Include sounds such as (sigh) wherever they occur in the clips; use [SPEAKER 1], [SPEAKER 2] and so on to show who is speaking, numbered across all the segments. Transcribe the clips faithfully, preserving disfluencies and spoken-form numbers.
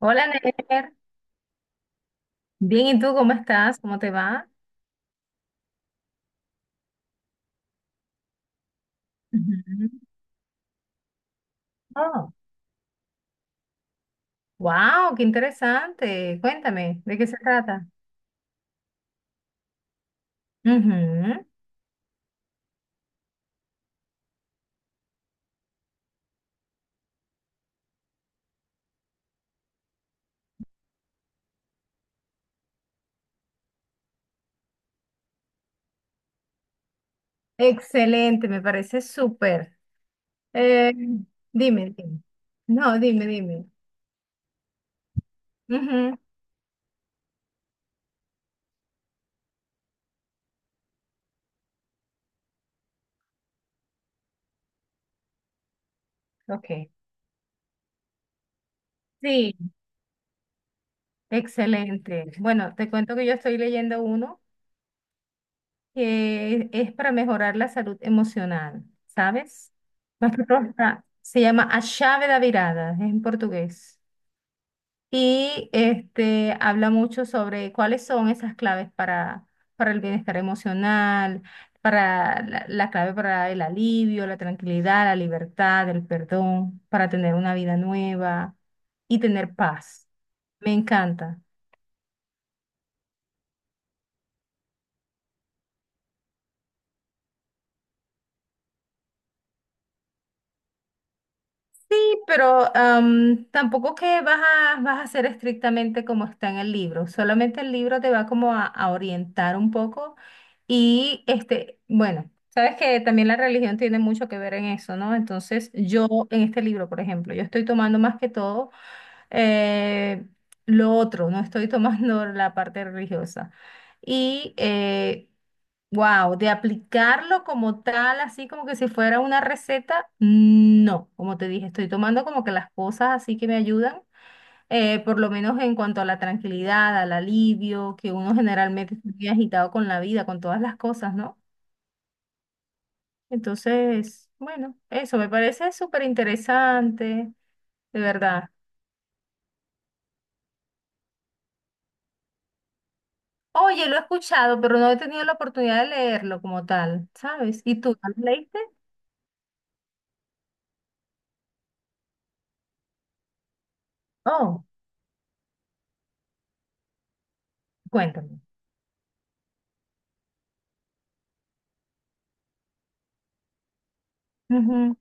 [SPEAKER 1] Hola, Ner. Bien, ¿y tú cómo estás? ¿Cómo te va? Ujú. Oh, wow, qué interesante. Cuéntame, ¿de qué se trata? Ujú. Excelente, me parece súper. Eh, dime, dime. No, dime, dime. Ujú. Ok. Sí, excelente. Bueno, te cuento que yo estoy leyendo uno que es para mejorar la salud emocional, ¿sabes? (laughs) Más que todo está- se llama A Chave da Virada, es en portugués. Y este, habla mucho sobre cuáles son esas claves para, para el bienestar emocional, para la, la clave para el alivio, la tranquilidad, la libertad, el perdón, para tener una vida nueva y tener paz. Me encanta. Sí, pero am, tampoco que vas a, vas a ser estrictamente como está en el libro, solamente el libro te va como a, a orientar un poco. Y este, bueno, sabes que también la religión tiene mucho que ver en eso, ¿no? Entonces yo en este libro, por ejemplo, yo estoy tomando más que todo eh, lo otro, no estoy tomando (laughs) la parte religiosa. Y eh, Wow, de aplicarlo como tal, así como que si fuera una receta, no, como te dije, estoy tomando como que las cosas así que me ayudan, eh, por lo menos en cuanto a la tranquilidad, al alivio, que uno generalmente está muy agitado con la vida, con todas las cosas, ¿no? Entonces, bueno, eso me parece súper interesante, de verdad. Oye, lo he escuchado, pero no he tenido la oportunidad de leerlo como tal, ¿sabes? ¿Y tú, ¿lo leíste? Oh, cuéntame. Ujú.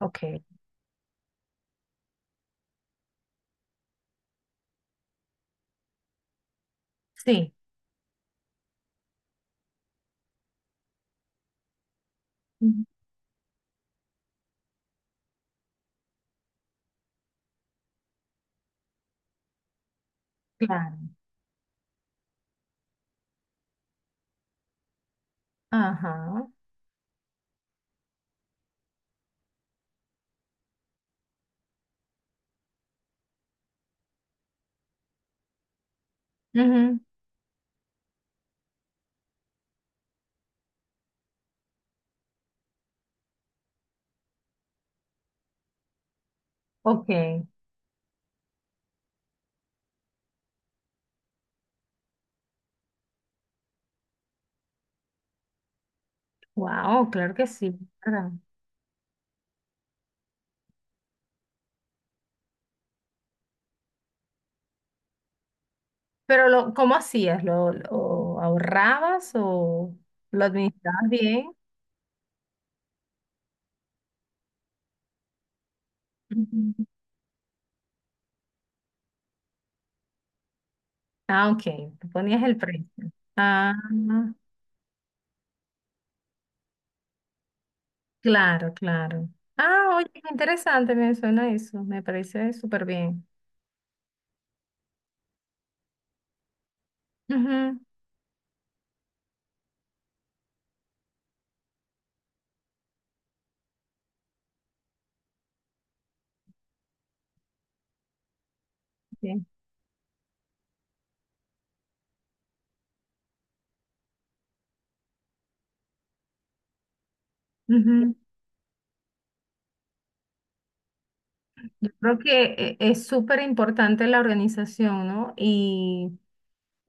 [SPEAKER 1] Ok, sí. Claro. Ajá. Ujú. Ok. Wow, claro que sí. ¿Verdad? Pero lo, ¿cómo hacías? ¿Lo, lo ahorrabas o lo administrabas bien? Ujú. Ah, ok. Tú ponías el precio. Ah, claro, claro. Ah, oye, qué interesante me suena eso. Me parece súper bien. Ujú, bien. Ujú. Creo que eh, es súper importante la organización, ¿no? Y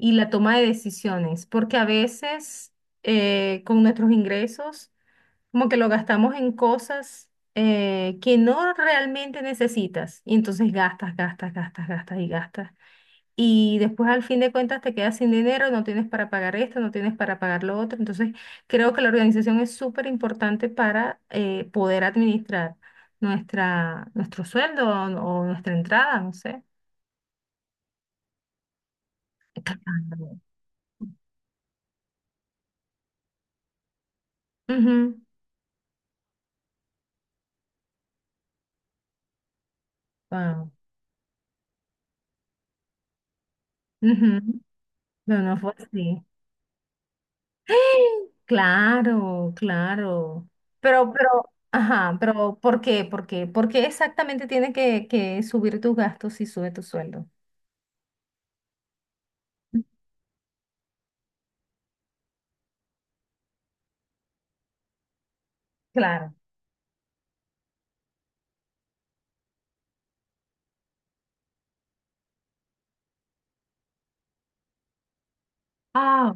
[SPEAKER 1] y la toma de decisiones, porque a veces eh, con nuestros ingresos como que lo gastamos en cosas eh, que no realmente necesitas y entonces gastas, gastas, gastas, gastas y gastas. Y después al fin de cuentas te quedas sin dinero, no tienes para pagar esto, no tienes para pagar lo otro. Entonces creo que la organización es súper importante para eh, poder administrar nuestra, nuestro sueldo o, o nuestra entrada, no sé. Claro. Ujú. Wow. No, no fue así. (gasps) Claro, claro. Pero, pero, ajá, pero ¿por qué? ¿Por qué? ¿Por qué exactamente tiene que, que subir tus gastos si sube tu sueldo? Claro. Ah,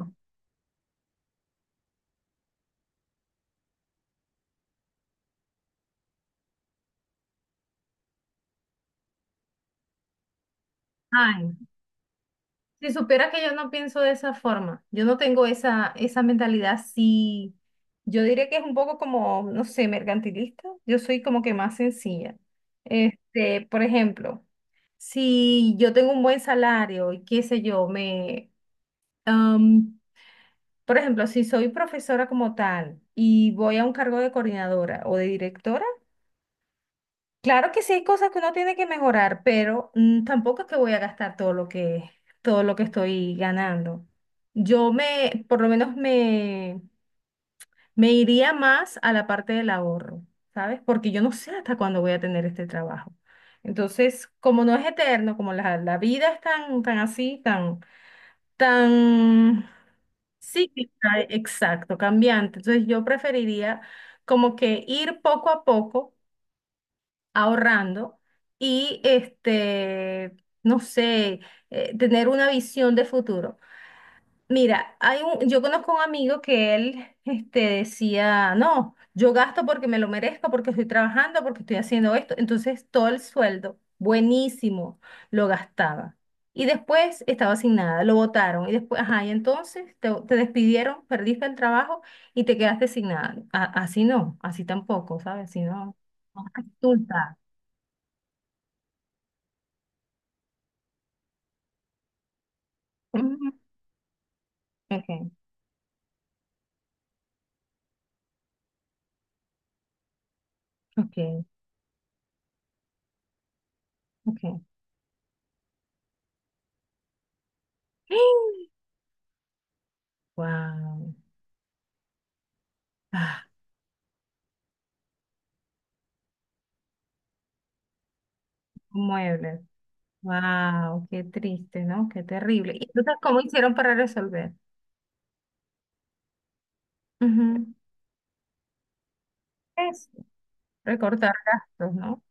[SPEAKER 1] ay, si supieras que yo no pienso de esa forma, yo no tengo esa, esa mentalidad, sí, yo diría que es un poco como, no sé, mercantilista, yo soy como que más sencilla. Este, por ejemplo, si yo tengo un buen salario y qué sé yo, me, Am, por ejemplo, si soy profesora como tal y voy a un cargo de coordinadora o de directora, claro que sí hay cosas que uno tiene que mejorar, pero mm, tampoco es que voy a gastar todo lo que, todo lo que estoy ganando. Yo me, por lo menos me, me iría más a la parte del ahorro, ¿sabes? Porque yo no sé hasta cuándo voy a tener este trabajo. Entonces, como no es eterno, como la, la vida es tan, tan así, tan tan cíclica, exacto, cambiante. Entonces yo preferiría como que ir poco a poco ahorrando y este, no sé, eh, tener una visión de futuro. Mira, hay un, yo conozco un amigo que él este, decía, no, yo gasto porque me lo merezco, porque estoy trabajando, porque estoy haciendo esto. Entonces todo el sueldo, buenísimo, lo gastaba. Y después estaba sin nada, lo botaron. Y después, ajá, y entonces te, te despidieron, perdiste el trabajo y te quedaste sin nada. A- así no, así tampoco, ¿sabes? Así no. No resulta. Ujú. Ok, ok, ok. (gasps) Wow. Ah, muebles. Wow, qué triste, ¿no? Qué terrible. ¿Y entonces cómo hicieron para resolver? Ujú. Eso, recortar gastos, ¿no?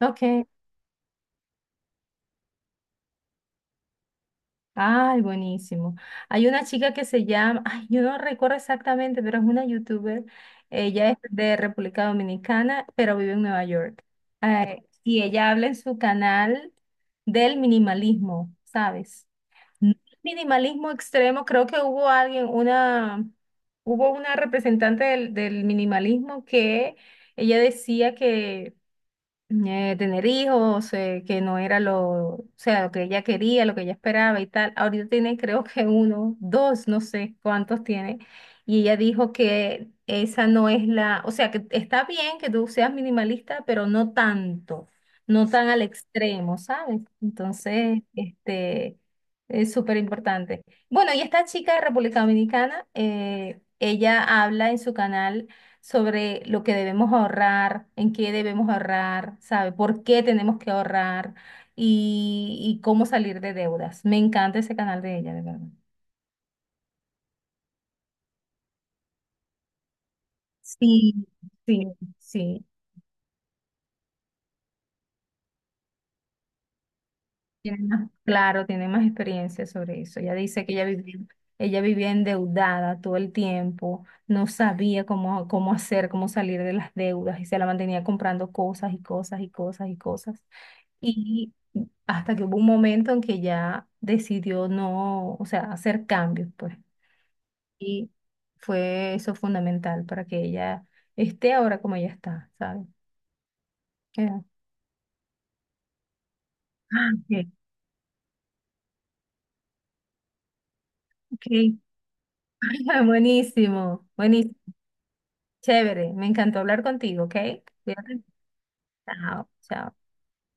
[SPEAKER 1] Ok. Ay, buenísimo. Hay una chica que se llama, ay, yo no recuerdo exactamente, pero es una youtuber. Ella es de República Dominicana, pero vive en Nueva York. Eh, y ella habla en su canal del minimalismo, ¿sabes? No, minimalismo extremo, creo que hubo alguien, una, hubo una representante del, del minimalismo que ella decía que eh, tener hijos, eh, que no era lo, o sea, lo que ella quería, lo que ella esperaba y tal. Ahorita tiene creo que uno, dos, no sé cuántos tiene. Y ella dijo que esa no es la, o sea, que está bien que tú seas minimalista, pero no tanto, no tan al extremo, ¿sabes? Entonces, este, es súper importante. Bueno, y esta chica de República Dominicana, eh, ella habla en su canal sobre lo que debemos ahorrar, en qué debemos ahorrar, ¿sabe? ¿Por qué tenemos que ahorrar y, y cómo salir de deudas? Me encanta ese canal de ella, de verdad. Sí, sí, sí. Tiene más, claro, tiene más experiencia sobre eso. Ella dice que ella vivía, ella vivía endeudada todo el tiempo, no sabía cómo, cómo hacer, cómo salir de las deudas y se la mantenía comprando cosas y cosas y cosas y cosas. Y hasta que hubo un momento en que ya decidió no, o sea, hacer cambios, pues. Y fue eso fundamental para que ella esté ahora como ella está, ¿sabes? Ya. Ah, ok, ok. (laughs) Buenísimo, buenísimo, chévere. Me encantó hablar contigo, ¿ok? Cuídate. Chao, chao.